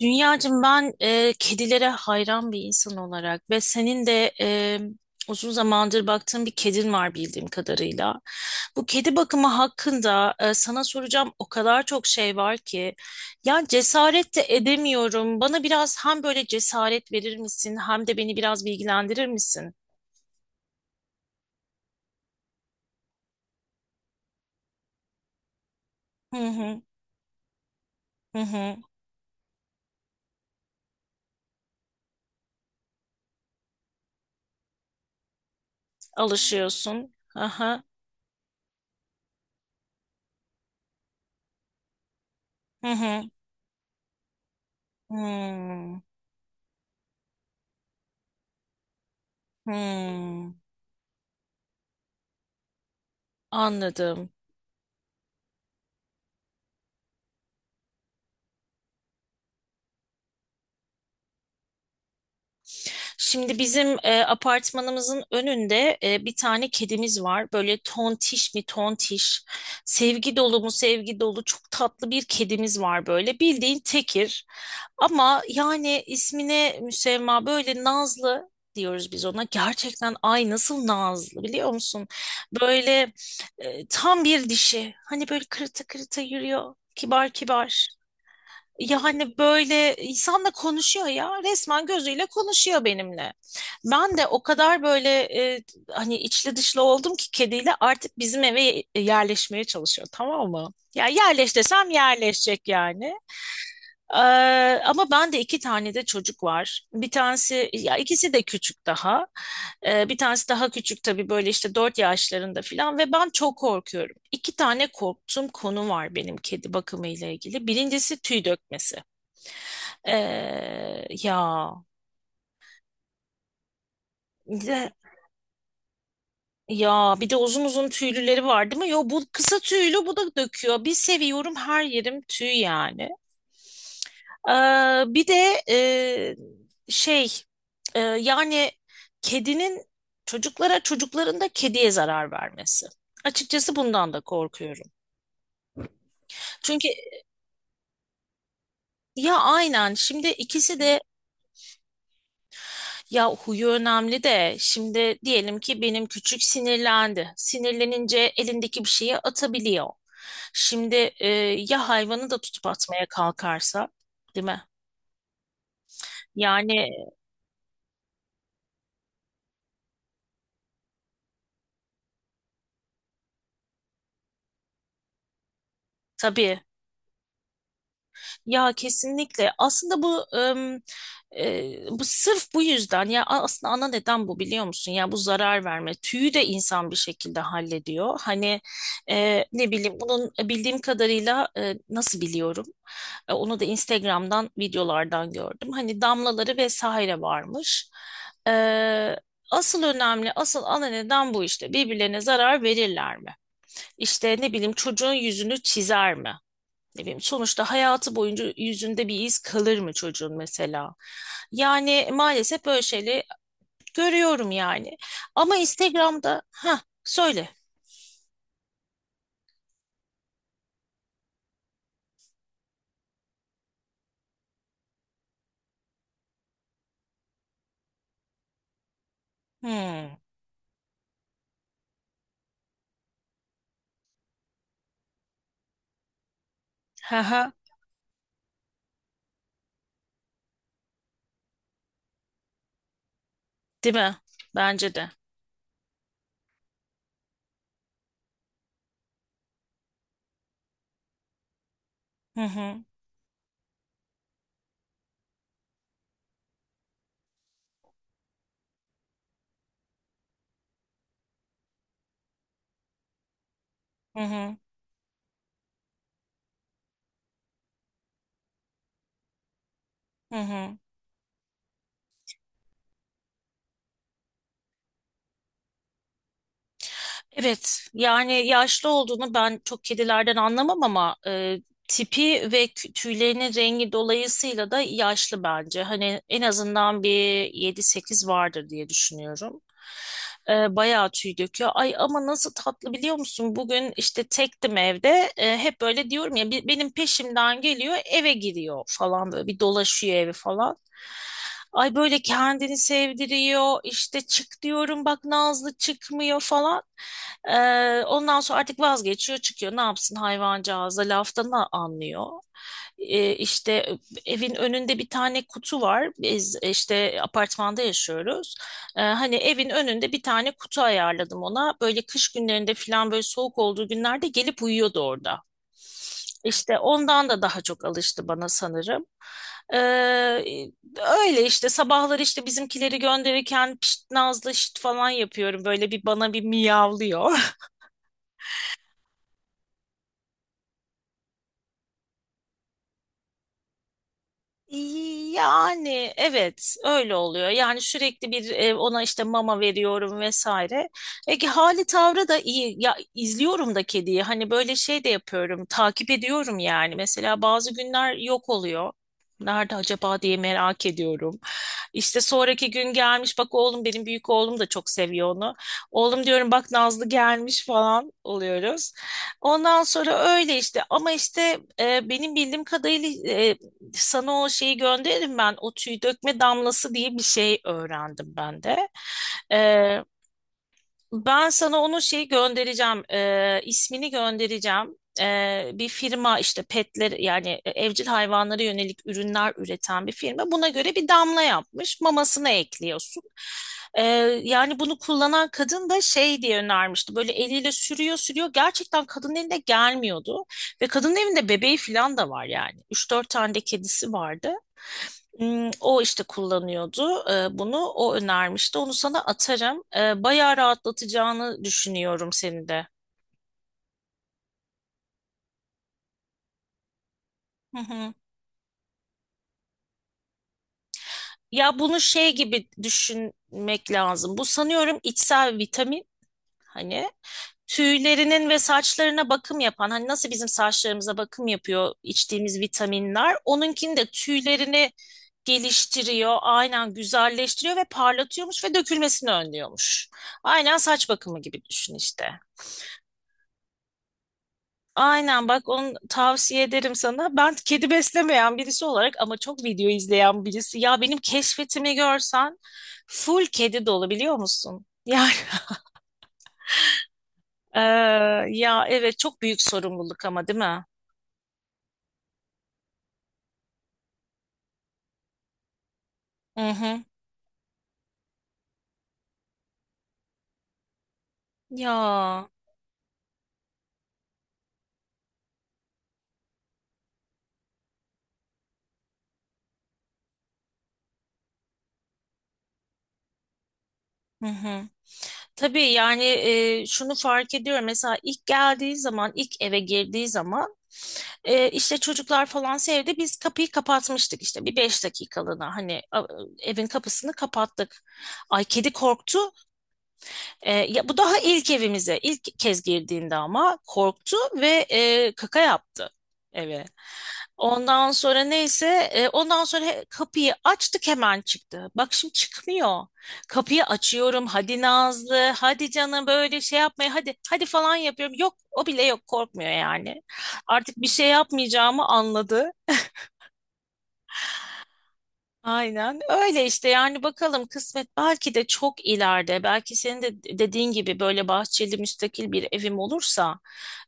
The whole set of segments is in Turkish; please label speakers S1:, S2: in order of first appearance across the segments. S1: Dünyacığım ben kedilere hayran bir insan olarak ve senin de uzun zamandır baktığın bir kedin var bildiğim kadarıyla. Bu kedi bakımı hakkında sana soracağım o kadar çok şey var ki ya cesaret de edemiyorum. Bana biraz hem böyle cesaret verir misin hem de beni biraz bilgilendirir misin? Hı hı. Hı hı, alışıyorsun. Aha, hı hı. Hmm. Hmm. Anladım. Şimdi bizim apartmanımızın önünde bir tane kedimiz var. Böyle tontiş mi tontiş, sevgi dolu mu sevgi dolu çok tatlı bir kedimiz var böyle. Bildiğin tekir ama yani ismine müsemma böyle nazlı diyoruz biz ona. Gerçekten ay nasıl nazlı biliyor musun? Böyle tam bir dişi. Hani böyle kırıta kırıta yürüyor. Kibar kibar. Yani böyle insanla konuşuyor ya resmen gözüyle konuşuyor benimle. Ben de o kadar böyle e, hani içli dışlı oldum ki kediyle artık bizim eve yerleşmeye çalışıyor, tamam mı? Ya yerleş desem yerleşecek yani. Ee, ama ben de iki tane de çocuk var. Bir tanesi, ya ikisi de küçük daha. Bir tanesi daha küçük tabii böyle işte 4 yaşlarında falan ve ben çok korkuyorum. İki tane korktuğum konu var benim kedi bakımı ile ilgili. Birincisi tüy dökmesi. Ya bir de uzun uzun tüylüleri var değil mi? Yo, bu kısa tüylü, bu da döküyor. Bir seviyorum, her yerim tüy yani. Bir de şey, yani kedinin çocuklara, çocukların da kediye zarar vermesi. Açıkçası bundan da korkuyorum. Çünkü ya aynen şimdi ikisi de. Ya huyu önemli de şimdi diyelim ki benim küçük sinirlendi. Sinirlenince elindeki bir şeyi atabiliyor. Şimdi ya hayvanı da tutup atmaya kalkarsa, değil mi? Yani tabii. Ya kesinlikle. Aslında bu sırf bu yüzden, ya aslında ana neden bu biliyor musun? Ya bu zarar verme. Tüyü de insan bir şekilde hallediyor. Hani ne bileyim bunun, bildiğim kadarıyla nasıl biliyorum? Onu da Instagram'dan, videolardan gördüm. Hani damlaları vesaire varmış. E, asıl önemli, asıl ana neden bu işte. Birbirlerine zarar verirler mi? İşte ne bileyim, çocuğun yüzünü çizer mi? Ne bileyim, sonuçta hayatı boyunca yüzünde bir iz kalır mı çocuğun mesela? Yani maalesef böyle şeyleri görüyorum yani. Ama Instagram'da, ha söyle. Hmm. Ha ha. Değil mi? Bence de. Hı hı. Hı hı. Hı hı. Evet, yani yaşlı olduğunu ben çok kedilerden anlamam ama tipi ve tüylerinin rengi dolayısıyla da yaşlı bence. Hani en azından bir 7-8 vardır diye düşünüyorum. Bayağı tüy döküyor. Ay ama nasıl tatlı biliyor musun? Bugün işte tektim evde. Hep böyle diyorum ya, benim peşimden geliyor, eve giriyor falan, böyle bir dolaşıyor evi falan. Ay böyle kendini sevdiriyor işte, çık diyorum, bak Nazlı çıkmıyor falan. E, ondan sonra artık vazgeçiyor çıkıyor, ne yapsın, hayvancağız da laftan anlıyor. İşte evin önünde bir tane kutu var, biz işte apartmanda yaşıyoruz. Hani evin önünde bir tane kutu ayarladım ona. Böyle kış günlerinde falan, böyle soğuk olduğu günlerde gelip uyuyordu orada. İşte ondan da daha çok alıştı bana sanırım. Ee, öyle işte sabahları işte bizimkileri gönderirken pişt Nazlı, şit falan yapıyorum. Böyle bir bana bir miyavlıyor. Yani evet, öyle oluyor. Yani sürekli bir, ona işte mama veriyorum vesaire. Hali tavrı da iyi. Ya izliyorum da kediyi. Hani böyle şey de yapıyorum. Takip ediyorum yani. Mesela bazı günler yok oluyor. Nerede acaba diye merak ediyorum. İşte sonraki gün gelmiş. Bak oğlum, benim büyük oğlum da çok seviyor onu. Oğlum, diyorum, bak Nazlı gelmiş falan oluyoruz. Ondan sonra öyle işte, ama işte benim bildiğim kadarıyla sana o şeyi gönderirim ben. O tüy dökme damlası diye bir şey öğrendim ben de. Ee, ben sana onu, şeyi göndereceğim. İsmini göndereceğim. Bir firma işte, petler yani evcil hayvanlara yönelik ürünler üreten bir firma. Buna göre bir damla yapmış. Mamasına ekliyorsun. Ee, yani bunu kullanan kadın da şey diye önermişti. Böyle eliyle sürüyor sürüyor. Gerçekten kadının eline gelmiyordu. Ve kadının evinde bebeği falan da var yani. Üç dört tane de kedisi vardı. Hmm. O işte kullanıyordu bunu. O önermişti. Onu sana atarım. Bayağı rahatlatacağını düşünüyorum seni de. Hı hı. Ya bunu şey gibi düşünmek lazım. Bu sanıyorum içsel vitamin. Hani tüylerinin ve saçlarına bakım yapan. Hani nasıl bizim saçlarımıza bakım yapıyor içtiğimiz vitaminler. Onunkini de tüylerini geliştiriyor. Aynen, güzelleştiriyor ve parlatıyormuş ve dökülmesini önlüyormuş. Aynen saç bakımı gibi düşün işte. Aynen, bak onu tavsiye ederim sana. Ben kedi beslemeyen birisi olarak ama çok video izleyen birisi. Ya benim keşfetimi görsen full kedi dolu biliyor musun? Yani eee, ya evet, çok büyük sorumluluk ama, değil mi? Hı hı. Ya. Hı hı. Tabii yani, şunu fark ediyorum. Mesela ilk geldiği zaman, ilk eve girdiği zaman işte çocuklar falan sevdi. Biz kapıyı kapatmıştık işte bir 5 dakikalığına. Hani evin kapısını kapattık. Ay kedi korktu. Ya bu daha ilk evimize, ilk kez girdiğinde ama korktu ve kaka yaptı eve. Ondan sonra neyse, ondan sonra kapıyı açtık, hemen çıktı. Bak şimdi çıkmıyor. Kapıyı açıyorum. Hadi Nazlı, hadi canım, böyle şey yapmaya, hadi hadi falan yapıyorum. Yok, o bile yok, korkmuyor yani. Artık bir şey yapmayacağımı anladı. Aynen öyle işte, yani bakalım, kısmet. Belki de çok ileride, belki senin de dediğin gibi böyle bahçeli müstakil bir evim olursa,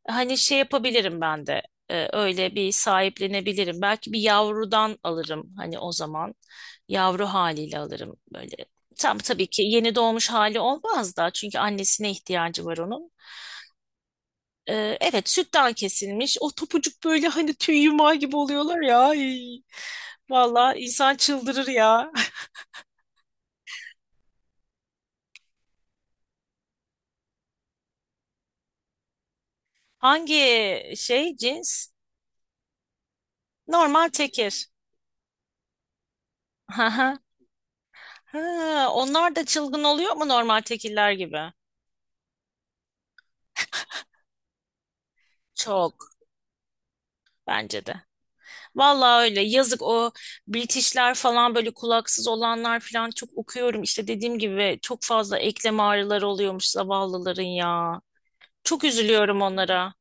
S1: hani şey yapabilirim ben de, öyle bir sahiplenebilirim. Belki bir yavrudan alırım hani, o zaman yavru haliyle alırım böyle, tam tabii ki yeni doğmuş hali olmaz da, çünkü annesine ihtiyacı var onun. Evet, sütten kesilmiş o topucuk, böyle hani tüy yumağı gibi oluyorlar ya. Ay. Vallahi insan çıldırır ya. Hangi şey, cins? Normal tekir. Haha. Ha, onlar da çılgın oluyor mu normal tekiller gibi? Çok, bence de. Vallahi öyle. Yazık o British'ler falan, böyle kulaksız olanlar falan, çok okuyorum. İşte dediğim gibi, çok fazla eklem ağrıları oluyormuş zavallıların ya. Çok üzülüyorum onlara.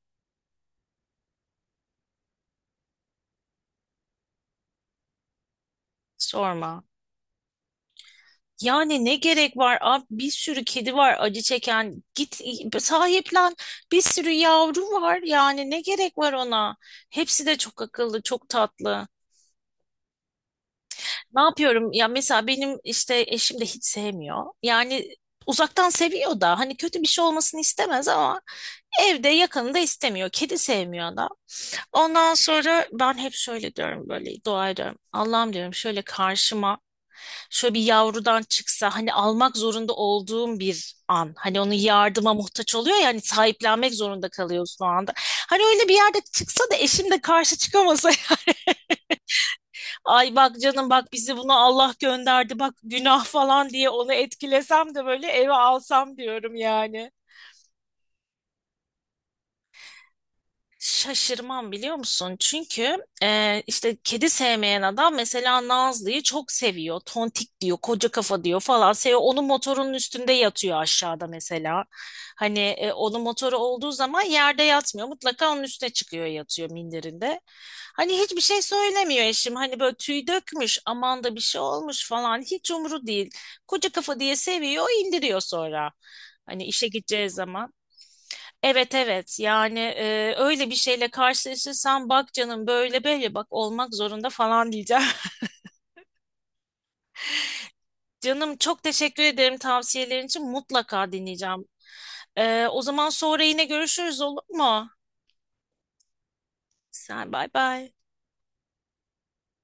S1: Sorma. Yani ne gerek var abi, bir sürü kedi var acı çeken, git sahiplen, bir sürü yavru var yani, ne gerek var ona. Hepsi de çok akıllı, çok tatlı. Ne yapıyorum ya, mesela benim işte eşim de hiç sevmiyor yani. Uzaktan seviyor da hani, kötü bir şey olmasını istemez ama evde yakını da istemiyor, kedi sevmiyor adam. Ondan sonra ben hep şöyle diyorum, böyle dua ediyorum. Allah'ım, diyorum, şöyle karşıma şöyle bir yavrudan çıksa, hani almak zorunda olduğum bir an. Hani onun yardıma muhtaç oluyor ya, hani sahiplenmek zorunda kalıyorsun o anda. Hani öyle bir yerde çıksa da eşim de karşı çıkamasa ay bak canım, bak bizi, bunu Allah gönderdi bak, günah falan diye onu etkilesem de böyle, eve alsam diyorum yani. Şaşırmam biliyor musun? Çünkü işte kedi sevmeyen adam mesela Nazlı'yı çok seviyor. Tontik diyor, koca kafa diyor falan. Seviyor. Onun motorunun üstünde yatıyor aşağıda mesela. Hani onun motoru olduğu zaman yerde yatmıyor. Mutlaka onun üstüne çıkıyor, yatıyor minderinde. Hani hiçbir şey söylemiyor eşim. Hani böyle tüy dökmüş, aman da bir şey olmuş falan. Hiç umuru değil. Koca kafa diye seviyor, indiriyor sonra. Hani işe gideceği zaman. Evet, evet, yani öyle bir şeyle karşılaşırsan bak canım, böyle böyle bak, olmak zorunda falan diyeceğim. Canım çok teşekkür ederim tavsiyelerin için, mutlaka dinleyeceğim. O zaman sonra yine görüşürüz, olur mu? Sen bay bay.